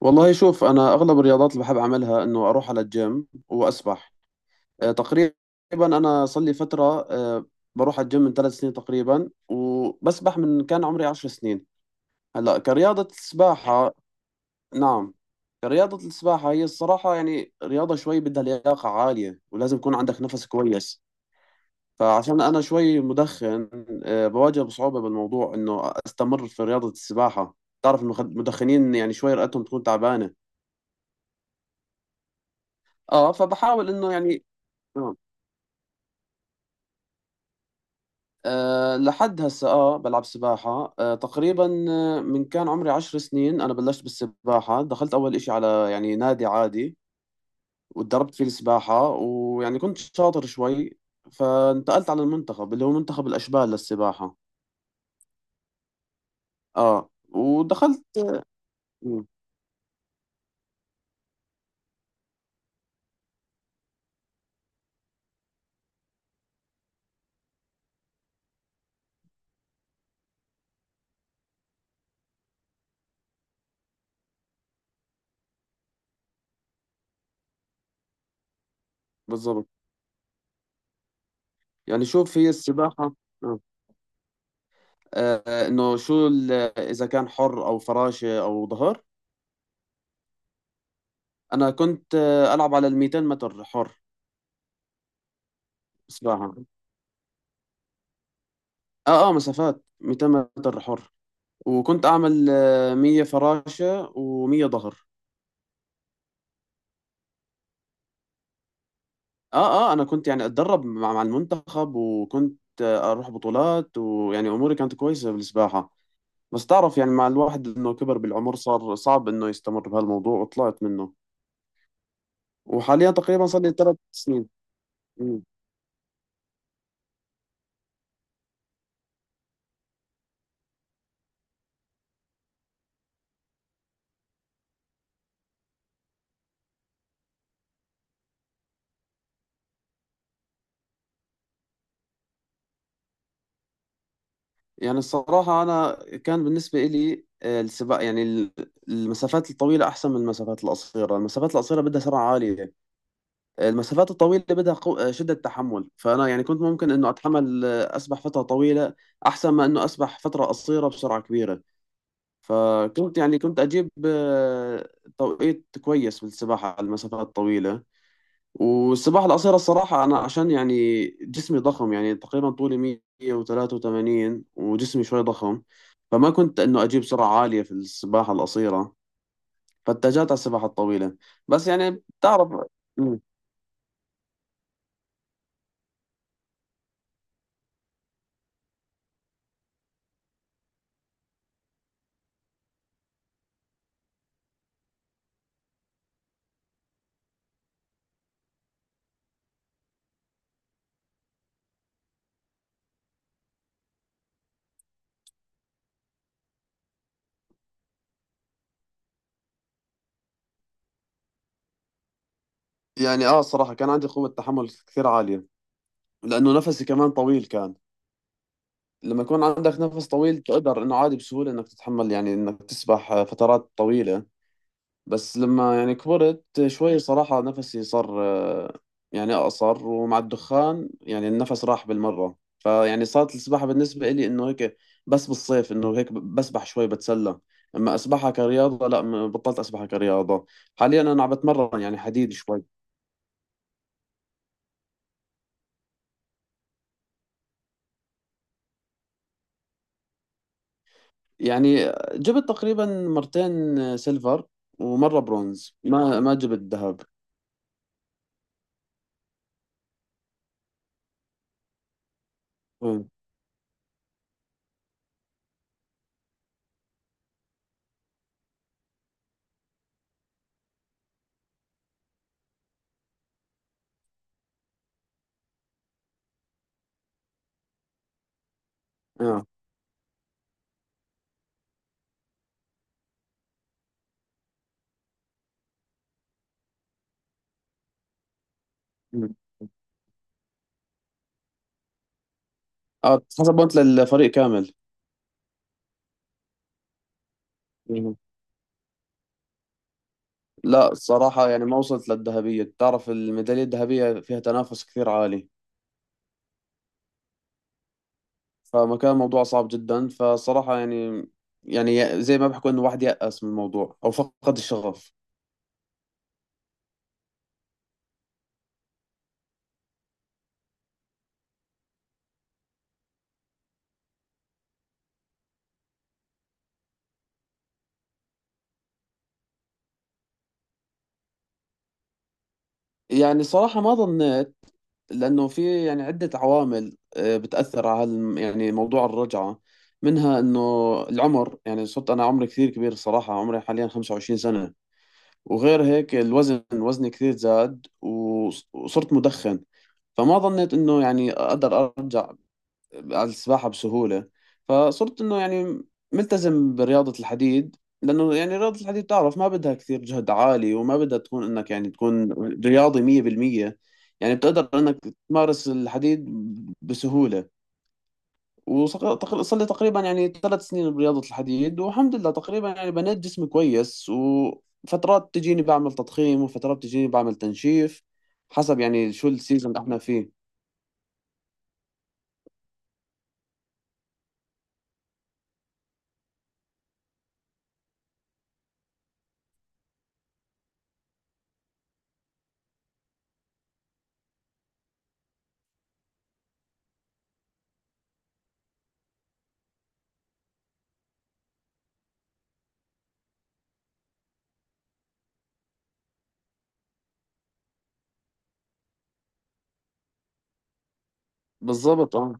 والله شوف انا اغلب الرياضات اللي بحب اعملها انه اروح على الجيم واسبح تقريبا. انا صار لي فتره. آه، بروح على الجيم من 3 سنين تقريبا وبسبح من كان عمري 10 سنين. هلا كرياضه السباحه. نعم. كرياضه السباحه هي الصراحه، يعني رياضه شوي بدها لياقه عاليه ولازم يكون عندك نفس كويس. فعشان انا شوي مدخن، بواجه بصعوبه بالموضوع انه استمر في رياضه السباحه. تعرف المدخنين، يعني شوي رئتهم تكون تعبانه. اه فبحاول انه يعني آه لحد هسه بلعب سباحة تقريبا. من كان عمري 10 سنين انا بلشت بالسباحة، دخلت اول اشي على يعني نادي عادي وتدربت فيه السباحة، ويعني كنت شاطر شوي فانتقلت على المنتخب اللي هو منتخب الاشبال للسباحة. اه ودخلت. مم. بالضبط. يعني شوف، هي السباحة. آه. آه، انه شو ال- اذا كان حر او فراشة او ظهر. انا كنت العب على ال 200 متر حر سباحة. اه مسافات 200 متر حر. وكنت اعمل 100 فراشة و100 ظهر. اه انا كنت يعني اتدرب مع المنتخب، وكنت اروح بطولات، ويعني اموري كانت كويسة بالسباحة. بس تعرف يعني مع الواحد انه كبر بالعمر صار صعب انه يستمر بهالموضوع وطلعت منه. وحاليا تقريبا صار لي 3 سنين. مم. يعني الصراحة، أنا كان بالنسبة إلي السباق، يعني المسافات الطويلة أحسن من المسافات القصيرة. المسافات القصيرة بدها سرعة عالية، المسافات الطويلة بدها شدة تحمل. فأنا يعني كنت ممكن إنه أتحمل أسبح فترة طويلة أحسن ما إنه أسبح فترة قصيرة بسرعة كبيرة. فكنت يعني كنت أجيب توقيت كويس بالسباحة على المسافات الطويلة. والسباحة القصيرة الصراحة، أنا عشان يعني جسمي ضخم، يعني تقريبا طولي 183 وجسمي شوي ضخم، فما كنت إنه أجيب سرعة عالية في السباحة القصيرة، فاتجهت على السباحة الطويلة. بس يعني بتعرف. يعني صراحة كان عندي قوة تحمل كثير عالية، لأنه نفسي كمان طويل كان. لما يكون عندك نفس طويل تقدر إنه عادي بسهولة إنك تتحمل، يعني إنك تسبح فترات طويلة. بس لما يعني كبرت شوي صراحة نفسي صار يعني أقصر، ومع الدخان يعني النفس راح بالمرة، فيعني صارت السباحة بالنسبة إلي إنه هيك. بس بالصيف إنه هيك بسبح شوي بتسلى، أما أسبحها كرياضة لا. بطلت أسبحها كرياضة. حاليا أنا عم بتمرن يعني حديد شوي. يعني جبت تقريبا مرتين سيلفر ومرة برونز. ما جبت ذهب. مم. اه. مم. اه، حسب بونت للفريق كامل. مم. لا الصراحة يعني ما وصلت للذهبية، تعرف الميدالية الذهبية فيها تنافس كثير عالي، فما كان الموضوع صعب جدا. فصراحة يعني، يعني زي ما بحكوا انه واحد يأس من الموضوع او فقد الشغف. يعني صراحة ما ظنيت، لأنه في يعني عدة عوامل بتأثر على يعني موضوع الرجعة. منها إنه العمر، يعني صرت أنا عمري كثير كبير الصراحة، عمري حاليا 25 سنة. وغير هيك الوزن، وزني كثير زاد، وصرت مدخن. فما ظنيت إنه يعني أقدر أرجع على السباحة بسهولة، فصرت إنه يعني ملتزم برياضة الحديد، لأنه يعني رياضة الحديد تعرف ما بدها كثير جهد عالي وما بدها تكون إنك يعني تكون رياضي 100%. يعني بتقدر إنك تمارس الحديد بسهولة. وصار لي تقريبا يعني 3 سنين برياضة الحديد، والحمد لله تقريبا يعني بنيت جسمي كويس، وفترات تجيني بعمل تضخيم وفترات تجيني بعمل تنشيف، حسب يعني شو السيزون اللي احنا فيه. بالضبط. اه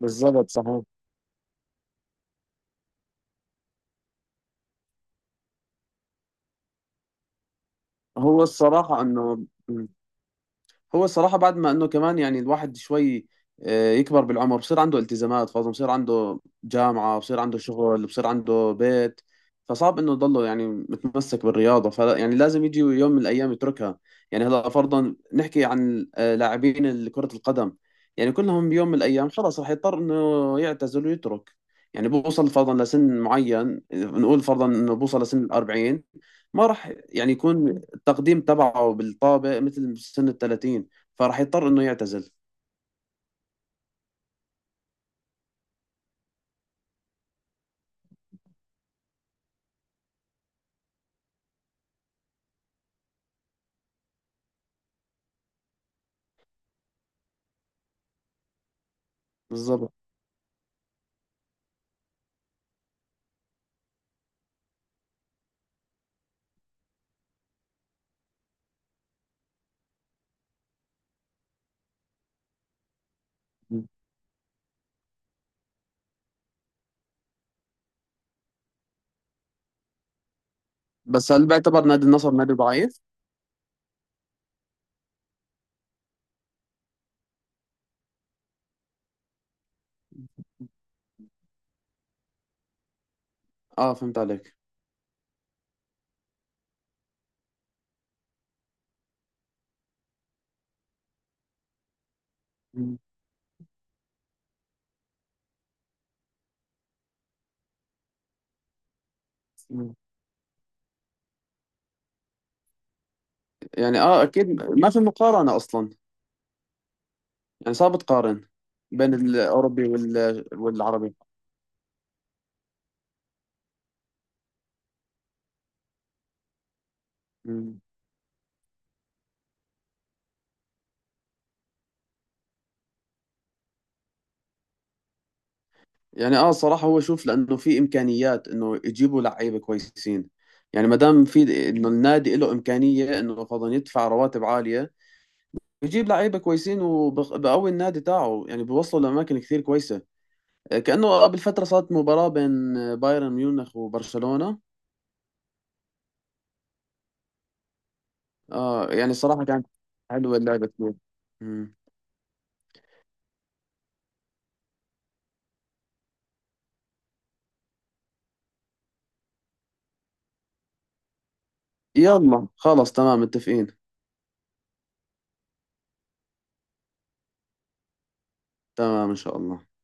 بالضبط، صحيح. هو الصراحة انه هو الصراحة بعد ما انه كمان يعني الواحد شوي يكبر بالعمر، بصير عنده التزامات، فاظن بصير عنده جامعة، بصير عنده شغل، بصير عنده بيت. فصعب انه يضله يعني متمسك بالرياضة، فلا يعني لازم يجي يوم من الايام يتركها. يعني هلا فرضا نحكي عن لاعبين كرة القدم. يعني كلهم بيوم من الايام خلاص رح يضطر انه يعتزل ويترك. يعني بوصل فرضا لسن معين، نقول فرضا انه بوصل لسن ال 40. ما راح يعني يكون التقديم تبعه بالطابق مثل سن ال 30، فراح يضطر انه يعتزل. بالضبط. بس هل بيعتبر نادي النصر نادي ضعيف؟ اه فهمت عليك. مم. مم. يعني اه اكيد ما في مقارنة اصلا. يعني صعب تقارن بين الاوروبي والعربي. مم. يعني اه صراحة، هو شوف لانه في امكانيات انه يجيبوا لعيبة كويسين، يعني ما دام في انه النادي له امكانية انه فضلا يدفع رواتب عالية، يجيب لعيبة كويسين وبقوي النادي تاعه، يعني بيوصلوا لاماكن كثير كويسة. كأنه قبل فترة صارت مباراة بين بايرن ميونخ وبرشلونة. يعني صراحة كانت حلوة اللعبة كتير. مم. يلا خلاص تمام متفقين. تمام إن شاء الله.